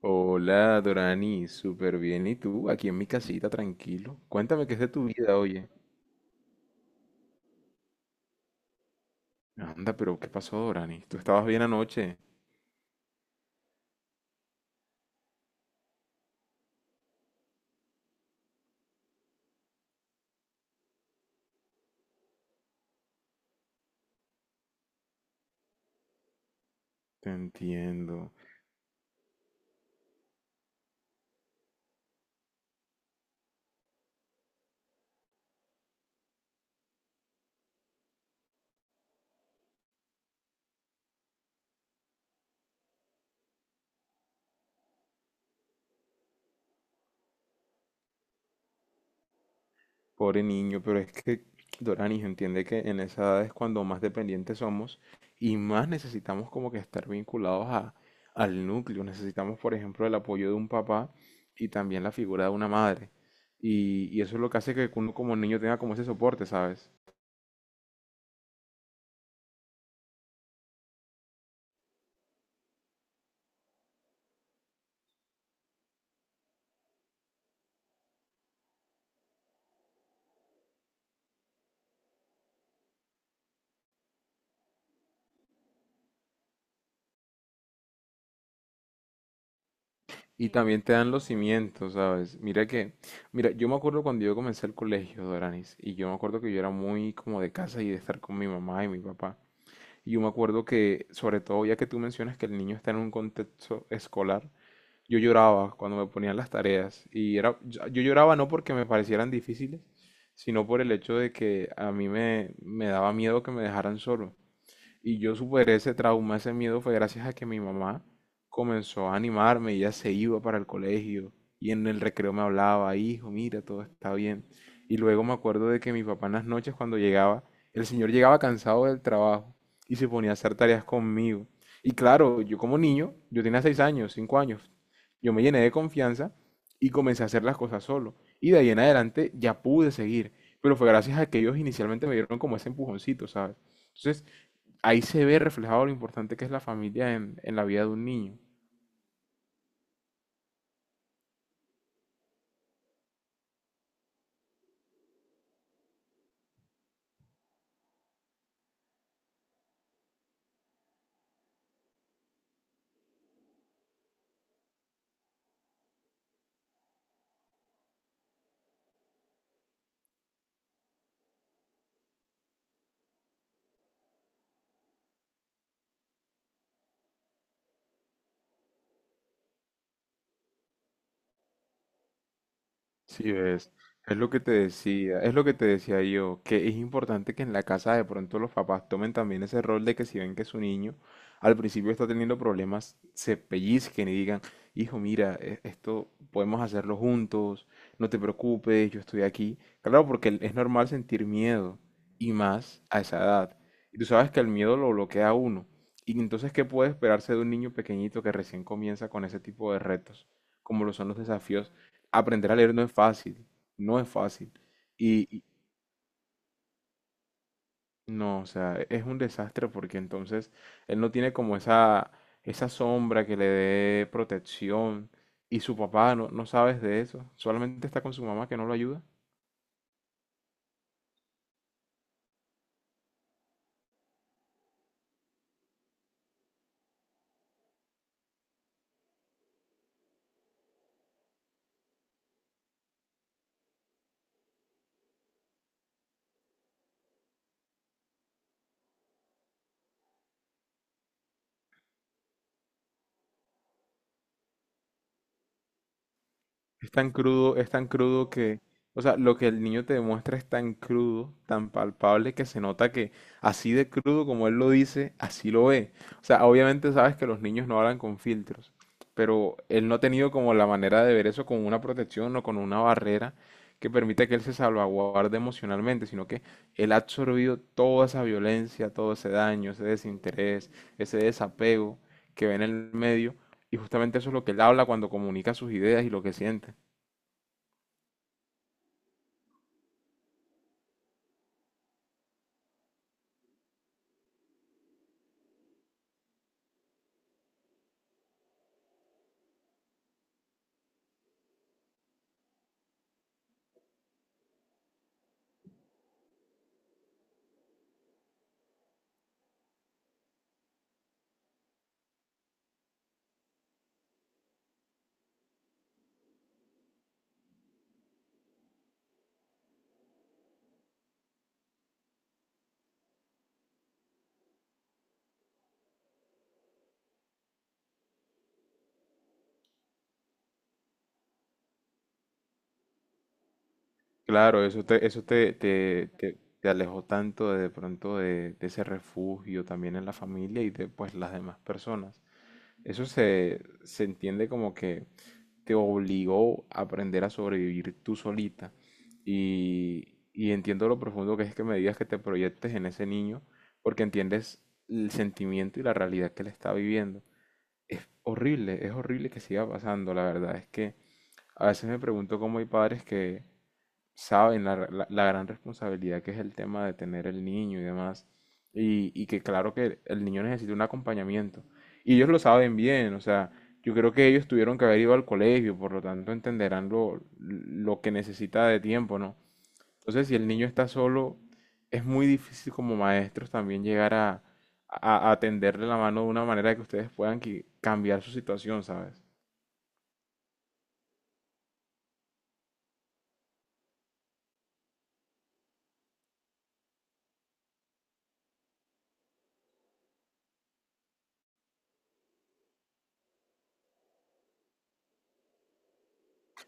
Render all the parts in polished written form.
Hola, Dorani, súper bien. ¿Y tú? Aquí en mi casita, tranquilo. Cuéntame qué es de tu vida, oye. Anda, pero ¿qué pasó, Dorani? ¿Tú estabas bien anoche? Te entiendo. Pobre niño, pero es que, Dorani, entiende que en esa edad es cuando más dependientes somos y más necesitamos como que estar vinculados al núcleo. Necesitamos, por ejemplo, el apoyo de un papá y también la figura de una madre. Y eso es lo que hace que uno como niño tenga como ese soporte, ¿sabes? Y también te dan los cimientos, ¿sabes? Mira, yo me acuerdo cuando yo comencé el colegio, Doranis, y yo me acuerdo que yo era muy como de casa y de estar con mi mamá y mi papá. Y yo me acuerdo que, sobre todo, ya que tú mencionas que el niño está en un contexto escolar, yo lloraba cuando me ponían las tareas. Yo lloraba no porque me parecieran difíciles, sino por el hecho de que a mí me daba miedo que me dejaran solo. Y yo superé ese trauma, ese miedo fue gracias a que mi mamá comenzó a animarme, ella se iba para el colegio y en el recreo me hablaba, hijo, mira, todo está bien. Y luego me acuerdo de que mi papá en las noches cuando llegaba, el señor llegaba cansado del trabajo y se ponía a hacer tareas conmigo. Y claro, yo como niño, yo tenía 6 años, 5 años, yo me llené de confianza y comencé a hacer las cosas solo. Y de ahí en adelante ya pude seguir, pero fue gracias a que ellos inicialmente me dieron como ese empujoncito, ¿sabes? Entonces, ahí se ve reflejado lo importante que es la familia en la vida de un niño. Sí, ves, es lo que te decía yo, que es importante que en la casa de pronto los papás tomen también ese rol de que si ven que su niño al principio está teniendo problemas, se pellizquen y digan, hijo, mira, esto podemos hacerlo juntos, no te preocupes, yo estoy aquí. Claro, porque es normal sentir miedo y más a esa edad. Y tú sabes que el miedo lo bloquea a uno. Y entonces, ¿qué puede esperarse de un niño pequeñito que recién comienza con ese tipo de retos, como lo son los desafíos? Aprender a leer no es fácil, no es fácil. Y no, o sea, es un desastre porque entonces él no tiene como esa sombra que le dé protección y su papá no, no sabes de eso, solamente está con su mamá que no lo ayuda. Es tan crudo que, o sea, lo que el niño te demuestra es tan crudo, tan palpable que se nota que así de crudo como él lo dice, así lo ve. O sea, obviamente sabes que los niños no hablan con filtros, pero él no ha tenido como la manera de ver eso con una protección o con una barrera que permita que él se salvaguarde emocionalmente, sino que él ha absorbido toda esa violencia, todo ese daño, ese desinterés, ese desapego que ve en el medio, y justamente eso es lo que él habla cuando comunica sus ideas y lo que siente. Claro, eso te, te, te- te alejó tanto de pronto de ese refugio también en la familia y de pues las demás personas. Se entiende como que te obligó a aprender a sobrevivir tú solita. Y entiendo lo profundo que es que me digas que te proyectes en ese niño, porque entiendes el sentimiento y la realidad que él está viviendo. Es horrible que siga pasando, la verdad es que a veces me pregunto cómo hay padres que saben la gran responsabilidad que es el tema de tener el niño y demás. Y que claro que el niño necesita un acompañamiento. Y ellos lo saben bien, o sea, yo creo que ellos tuvieron que haber ido al colegio, por lo tanto entenderán lo que necesita de tiempo, ¿no? Entonces, si el niño está solo, es muy difícil como maestros también llegar a tenderle la mano de una manera que ustedes puedan cambiar su situación, ¿sabes?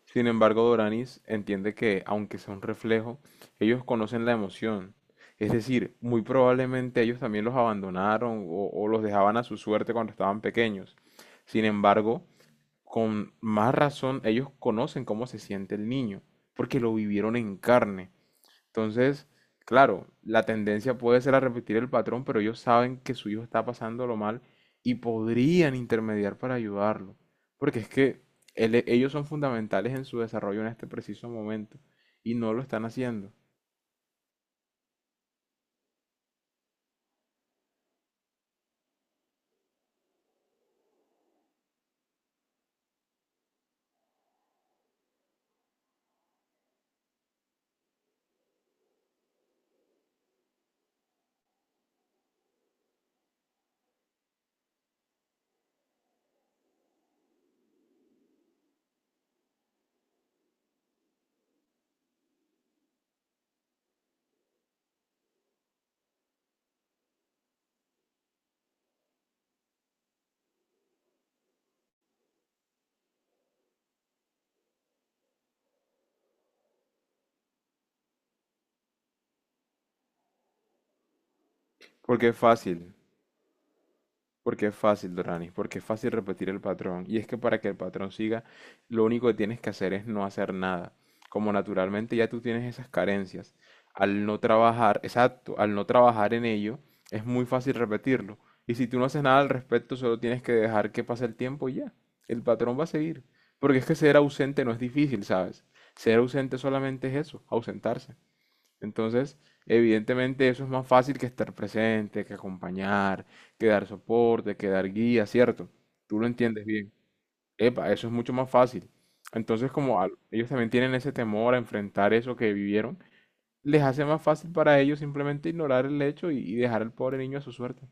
Sin embargo, Doranis, entiende que, aunque sea un reflejo, ellos conocen la emoción. Es decir, muy probablemente ellos también los abandonaron o los dejaban a su suerte cuando estaban pequeños. Sin embargo, con más razón, ellos conocen cómo se siente el niño, porque lo vivieron en carne. Entonces, claro, la tendencia puede ser a repetir el patrón, pero ellos saben que su hijo está pasándolo mal y podrían intermediar para ayudarlo. Porque es que ellos son fundamentales en su desarrollo en este preciso momento y no lo están haciendo. Porque es fácil. Porque es fácil, Doranis, porque es fácil repetir el patrón. Y es que para que el patrón siga, lo único que tienes que hacer es no hacer nada. Como naturalmente ya tú tienes esas carencias, al no trabajar, exacto, al no trabajar en ello, es muy fácil repetirlo. Y si tú no haces nada al respecto, solo tienes que dejar que pase el tiempo y ya. El patrón va a seguir. Porque es que ser ausente no es difícil, ¿sabes? Ser ausente solamente es eso, ausentarse. Entonces, evidentemente eso es más fácil que estar presente, que acompañar, que dar soporte, que dar guía, ¿cierto? Tú lo entiendes bien. Epa, eso es mucho más fácil. Entonces, como ellos también tienen ese temor a enfrentar eso que vivieron, les hace más fácil para ellos simplemente ignorar el hecho y dejar al pobre niño a su suerte.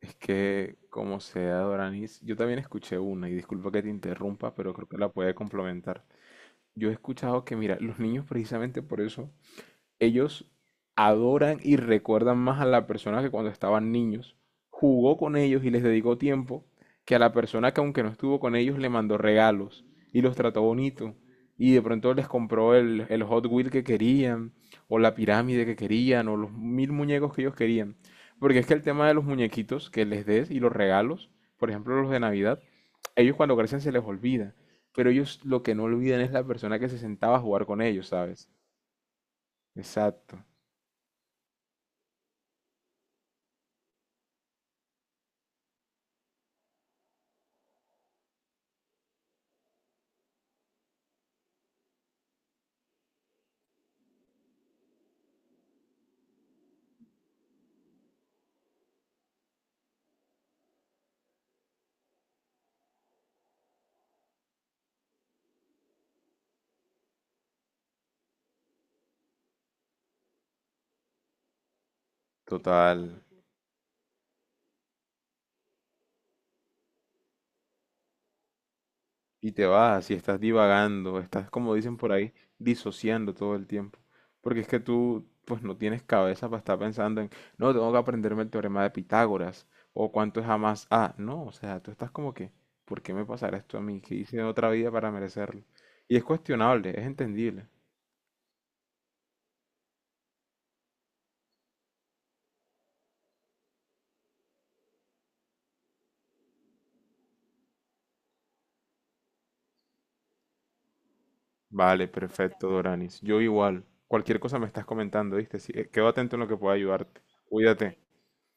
Es que, como sea, Doranis, yo también escuché una, y disculpa que te interrumpa, pero creo que la puede complementar. Yo he escuchado que, mira, los niños precisamente por eso ellos adoran y recuerdan más a la persona que cuando estaban niños jugó con ellos y les dedicó tiempo que a la persona que aunque no estuvo con ellos le mandó regalos y los trató bonito y de pronto les compró el Hot Wheel que querían o la pirámide que querían o los 1000 muñecos que ellos querían. Porque es que el tema de los muñequitos que les des y los regalos, por ejemplo los de Navidad, ellos cuando crecen se les olvida, pero ellos lo que no olvidan es la persona que se sentaba a jugar con ellos, ¿sabes? Exacto. Total. Y te vas y estás divagando, estás, como dicen por ahí, disociando todo el tiempo. Porque es que tú, pues no tienes cabeza para estar pensando en, no, tengo que aprenderme el teorema de Pitágoras o cuánto es A más A. No, o sea, tú estás como que, ¿por qué me pasará esto a mí? ¿Qué hice en otra vida para merecerlo? Y es cuestionable, es entendible. Vale, perfecto, Doranis. Yo igual. Cualquier cosa me estás comentando, ¿viste? Sí, quedo atento en lo que pueda ayudarte. Cuídate.